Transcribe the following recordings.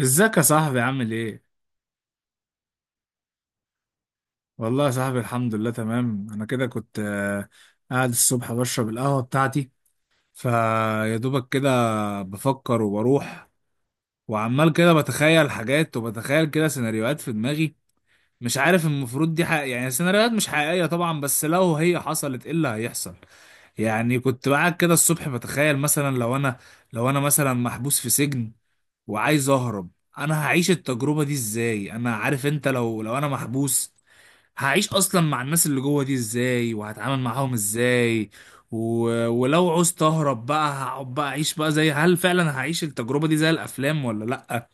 ازيك يا صاحبي عامل ايه؟ والله يا صاحبي الحمد لله تمام. انا كده كنت قاعد الصبح بشرب القهوة بتاعتي، فيا دوبك كده بفكر وبروح، وعمال كده بتخيل حاجات وبتخيل كده سيناريوهات في دماغي. مش عارف المفروض دي يعني سيناريوهات مش حقيقية طبعا، بس لو هي حصلت ايه اللي هيحصل؟ يعني كنت قاعد كده الصبح بتخيل مثلا لو انا مثلا محبوس في سجن وعايز اهرب. انا هعيش التجربة دي ازاي؟ انا عارف انت، لو انا محبوس هعيش اصلا مع الناس اللي جوه دي ازاي وهتعامل معاهم ازاي. و... ولو عوزت اهرب بقى هقعد بقى اعيش بقى، زي هل فعلا هعيش التجربة دي زي الافلام ولا لا؟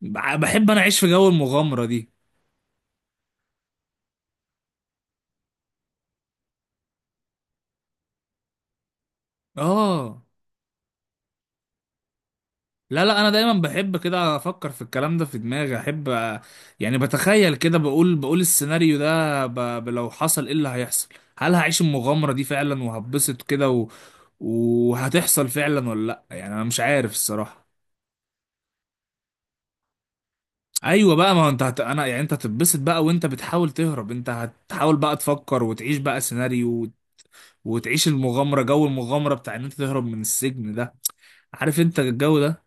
بحب انا اعيش في جو المغامرة دي. اه، لا لا، انا دايما بحب كده افكر في الكلام ده في دماغي، احب. أ- يعني بتخيل كده، بقول السيناريو ده، لو حصل ايه اللي هيحصل؟ هل هعيش المغامرة دي فعلا وهتبسط كده وهتحصل فعلا ولا لا؟ يعني انا مش عارف الصراحة. ايوه بقى، ما هو انت انا يعني انت هتتبسط بقى وانت بتحاول تهرب، انت هتحاول بقى تفكر وتعيش بقى سيناريو وتعيش المغامره، جو المغامره بتاع ان انت تهرب من السجن ده. عارف انت الجو ده؟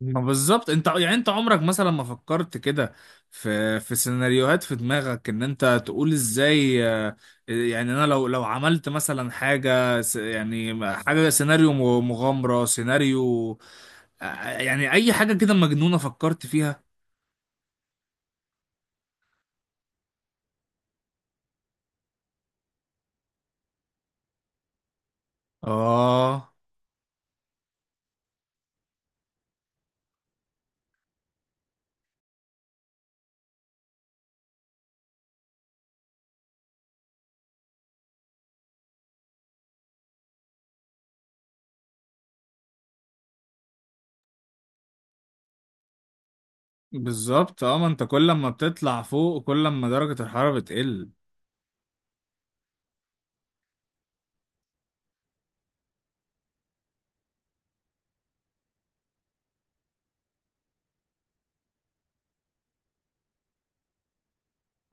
ما بالظبط، انت يعني انت عمرك مثلا ما فكرت كده في سيناريوهات في دماغك ان انت تقول ازاي؟ يعني انا لو عملت مثلا يعني حاجه سيناريو، مغامره سيناريو، آه، يعني اي حاجه كده مجنونه فكرت فيها؟ اه، بالظبط، اه ما انت كل ما بتطلع فوق كل ما درجة الحرارة بتقل.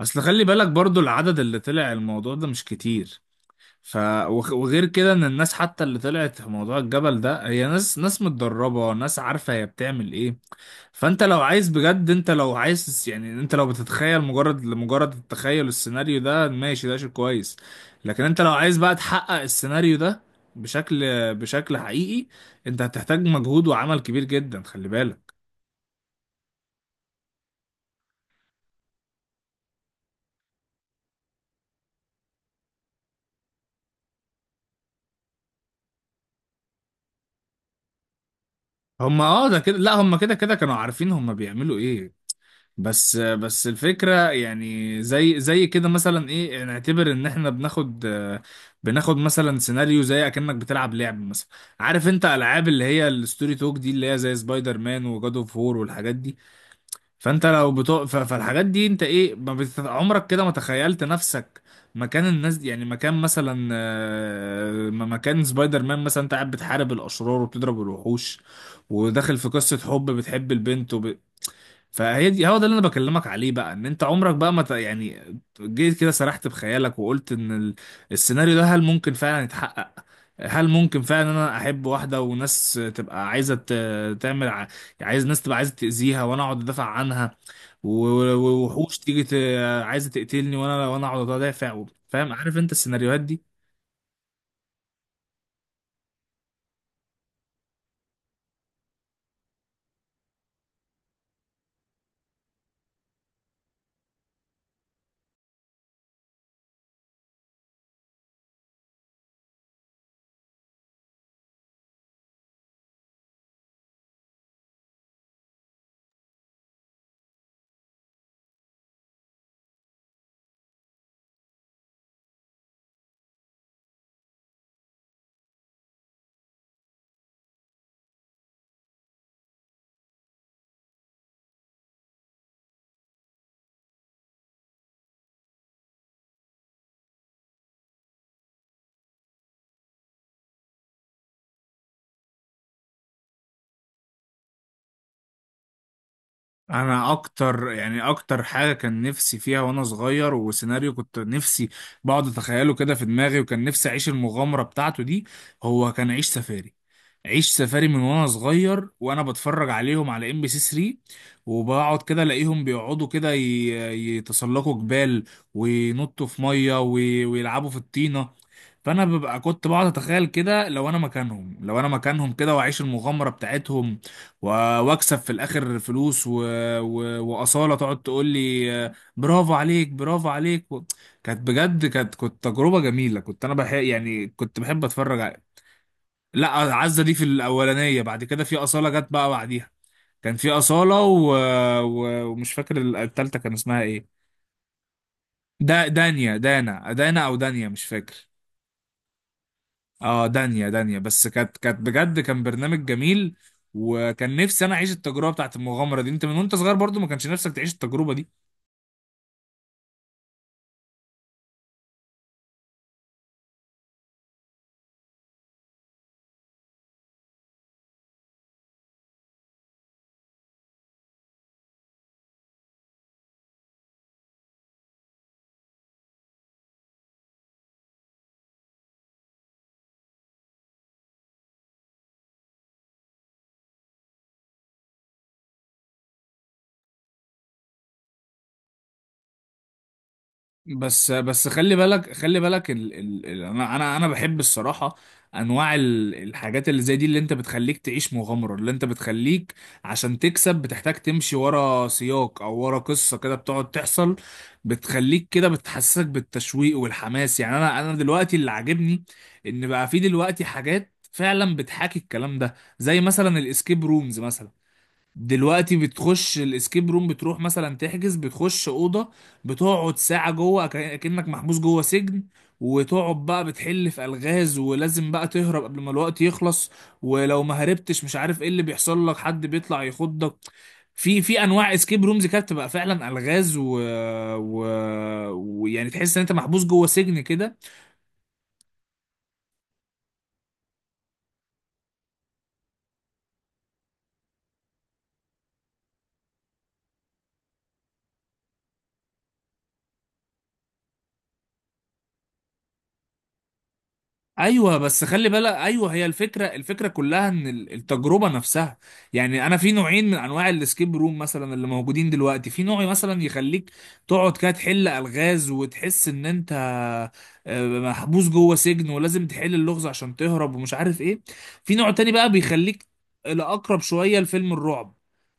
اصل خلي بالك برضو العدد اللي طلع الموضوع ده مش كتير. ف وغير كده ان الناس حتى اللي طلعت في موضوع الجبل ده هي ناس متدربة، ناس عارفة هي بتعمل ايه. فانت لو عايز بجد، انت لو عايز، يعني انت لو بتتخيل مجرد لمجرد التخيل السيناريو ده ماشي، ده شيء كويس. لكن انت لو عايز بقى تحقق السيناريو ده بشكل بشكل حقيقي، انت هتحتاج مجهود وعمل كبير جدا، خلي بالك. هم، اه، ده كده، لا هم كده كده كانوا عارفين هم بيعملوا ايه. بس الفكرة، يعني زي كده مثلا، ايه نعتبر ان احنا بناخد، بناخد مثلا سيناريو زي اكنك بتلعب لعب مثلا. عارف انت العاب اللي هي الستوري توك دي، اللي هي زي سبايدر مان وجاد اوف وور والحاجات دي. فانت لو بتو... ف- فالحاجات دي انت ايه ما بت... عمرك كده ما تخيلت نفسك مكان الناس دي؟ يعني مكان مثلا، مكان سبايدر مان مثلا، انت قاعد بتحارب الاشرار وبتضرب الوحوش، وداخل في قصة حب بتحب البنت. فهي دي هو ده اللي انا بكلمك عليه بقى، ان انت عمرك بقى ما ت... يعني جيت كده سرحت بخيالك وقلت ان السيناريو ده هل ممكن فعلا يتحقق؟ هل ممكن فعلا انا احب واحده وناس تبقى عايزه عايز، ناس تبقى عايزه تاذيها وانا اقعد ادافع عنها. ووحوش تيجي عايزه تقتلني، وانا اقعد ادافع فاهم، عارف انت السيناريوهات دي؟ انا اكتر، يعني اكتر حاجه كان نفسي فيها وانا صغير وسيناريو كنت نفسي بقعد اتخيله كده في دماغي وكان نفسي اعيش المغامره بتاعته دي، هو كان عيش سفاري. عيش سفاري من وانا صغير وانا بتفرج عليهم على MBC 3، وبقعد كده الاقيهم بيقعدوا كده يتسلقوا جبال، وينطوا في ميه، ويلعبوا في الطينه. فانا ببقى كنت بقعد اتخيل كده لو انا مكانهم كده، واعيش المغامره بتاعتهم، و- واكسب في الاخر فلوس واصاله تقعد تقول لي، برافو عليك، برافو عليك، كانت بجد، كانت تجربه جميله، كنت انا بحب، يعني كنت بحب اتفرج. لا، عزة دي في الأولانية، بعد كده في أصالة جت بقى بعديها. كان في أصالة ومش فاكر التالتة كان اسمها إيه. دانيا، دانا أو دانيا مش فاكر. اه، دانيا دانيا، بس كانت بجد كان برنامج جميل. وكان نفسي أنا أعيش التجربة بتاعت المغامرة دي. أنت من وأنت صغير برضو ما كانش نفسك تعيش التجربة دي؟ بس خلي بالك ال ال ال انا بحب الصراحه، انواع الحاجات اللي زي دي، اللي انت بتخليك تعيش مغامره، اللي انت بتخليك عشان تكسب بتحتاج تمشي ورا سياق او ورا قصه كده بتقعد تحصل، بتخليك كده بتحسسك بالتشويق والحماس. يعني انا دلوقتي اللي عاجبني ان بقى في دلوقتي حاجات فعلا بتحاكي الكلام ده، زي مثلا الاسكيب رومز مثلا. دلوقتي بتخش الاسكيب روم، بتروح مثلا تحجز، بتخش اوضه بتقعد ساعه جوه كأنك محبوس جوه سجن، وتقعد بقى بتحل في الغاز ولازم بقى تهرب قبل ما الوقت يخلص. ولو ما هربتش مش عارف ايه اللي بيحصل لك، حد بيطلع يخضك. في انواع اسكيب رومز كده بتبقى فعلا الغاز و... ويعني تحس ان انت محبوس جوه سجن كده. ايوه، بس خلي بالك، ايوه هي الفكره كلها ان التجربه نفسها. يعني انا في نوعين من انواع الاسكيب روم مثلا اللي موجودين دلوقتي. في نوع مثلا يخليك تقعد كده تحل الغاز وتحس ان انت محبوس جوه سجن ولازم تحل اللغز عشان تهرب ومش عارف ايه. في نوع تاني بقى بيخليك الاقرب شويه لفيلم الرعب،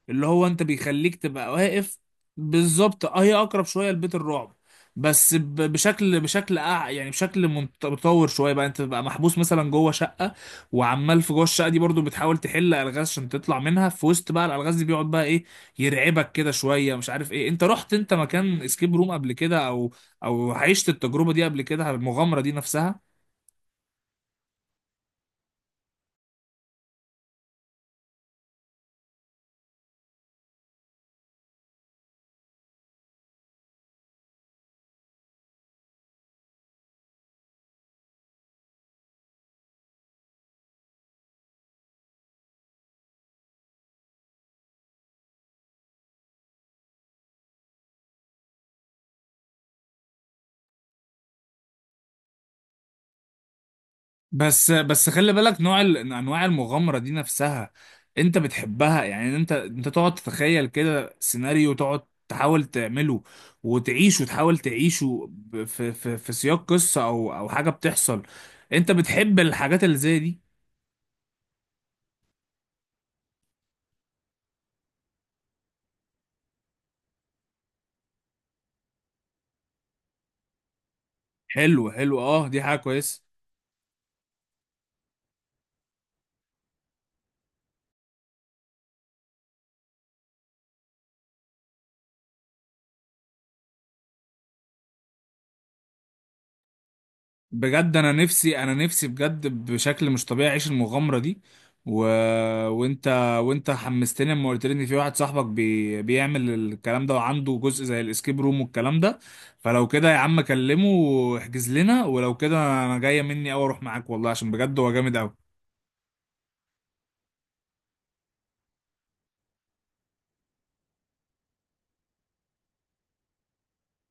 اللي هو انت بيخليك تبقى واقف. بالظبط، اه، هي اقرب شويه لبيت الرعب. بس بشكل يعني بشكل متطور شويه بقى، انت بقى محبوس مثلا جوه شقه، وعمال في جوه الشقه دي برضو بتحاول تحل الغاز عشان تطلع منها. في وسط بقى الالغاز دي بيقعد بقى ايه يرعبك كده شويه مش عارف ايه. انت رحت انت مكان اسكيب روم قبل كده، او عشت التجربه دي قبل كده، المغامره دي نفسها؟ بس خلي بالك، نوع انواع المغامره دي نفسها، انت بتحبها؟ يعني انت تقعد تتخيل كده سيناريو، تقعد تحاول تعمله وتعيشه، تحاول تعيشه، في في سياق قصه، او حاجه بتحصل، انت بتحب الحاجات اللي زي دي؟ حلو، حلو، اه دي حاجه كويسه. بجد انا نفسي، انا نفسي بجد بشكل مش طبيعي اعيش المغامره دي. و... وانت وانت حمستني لما قلت لي ان في واحد صاحبك بيعمل الكلام ده وعنده جزء زي الاسكيب روم والكلام ده. فلو كده يا عم كلمه واحجز لنا، ولو كده انا جايه مني اوي اروح معاك والله، عشان بجد هو جامد اوي.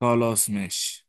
خلاص، ماشي.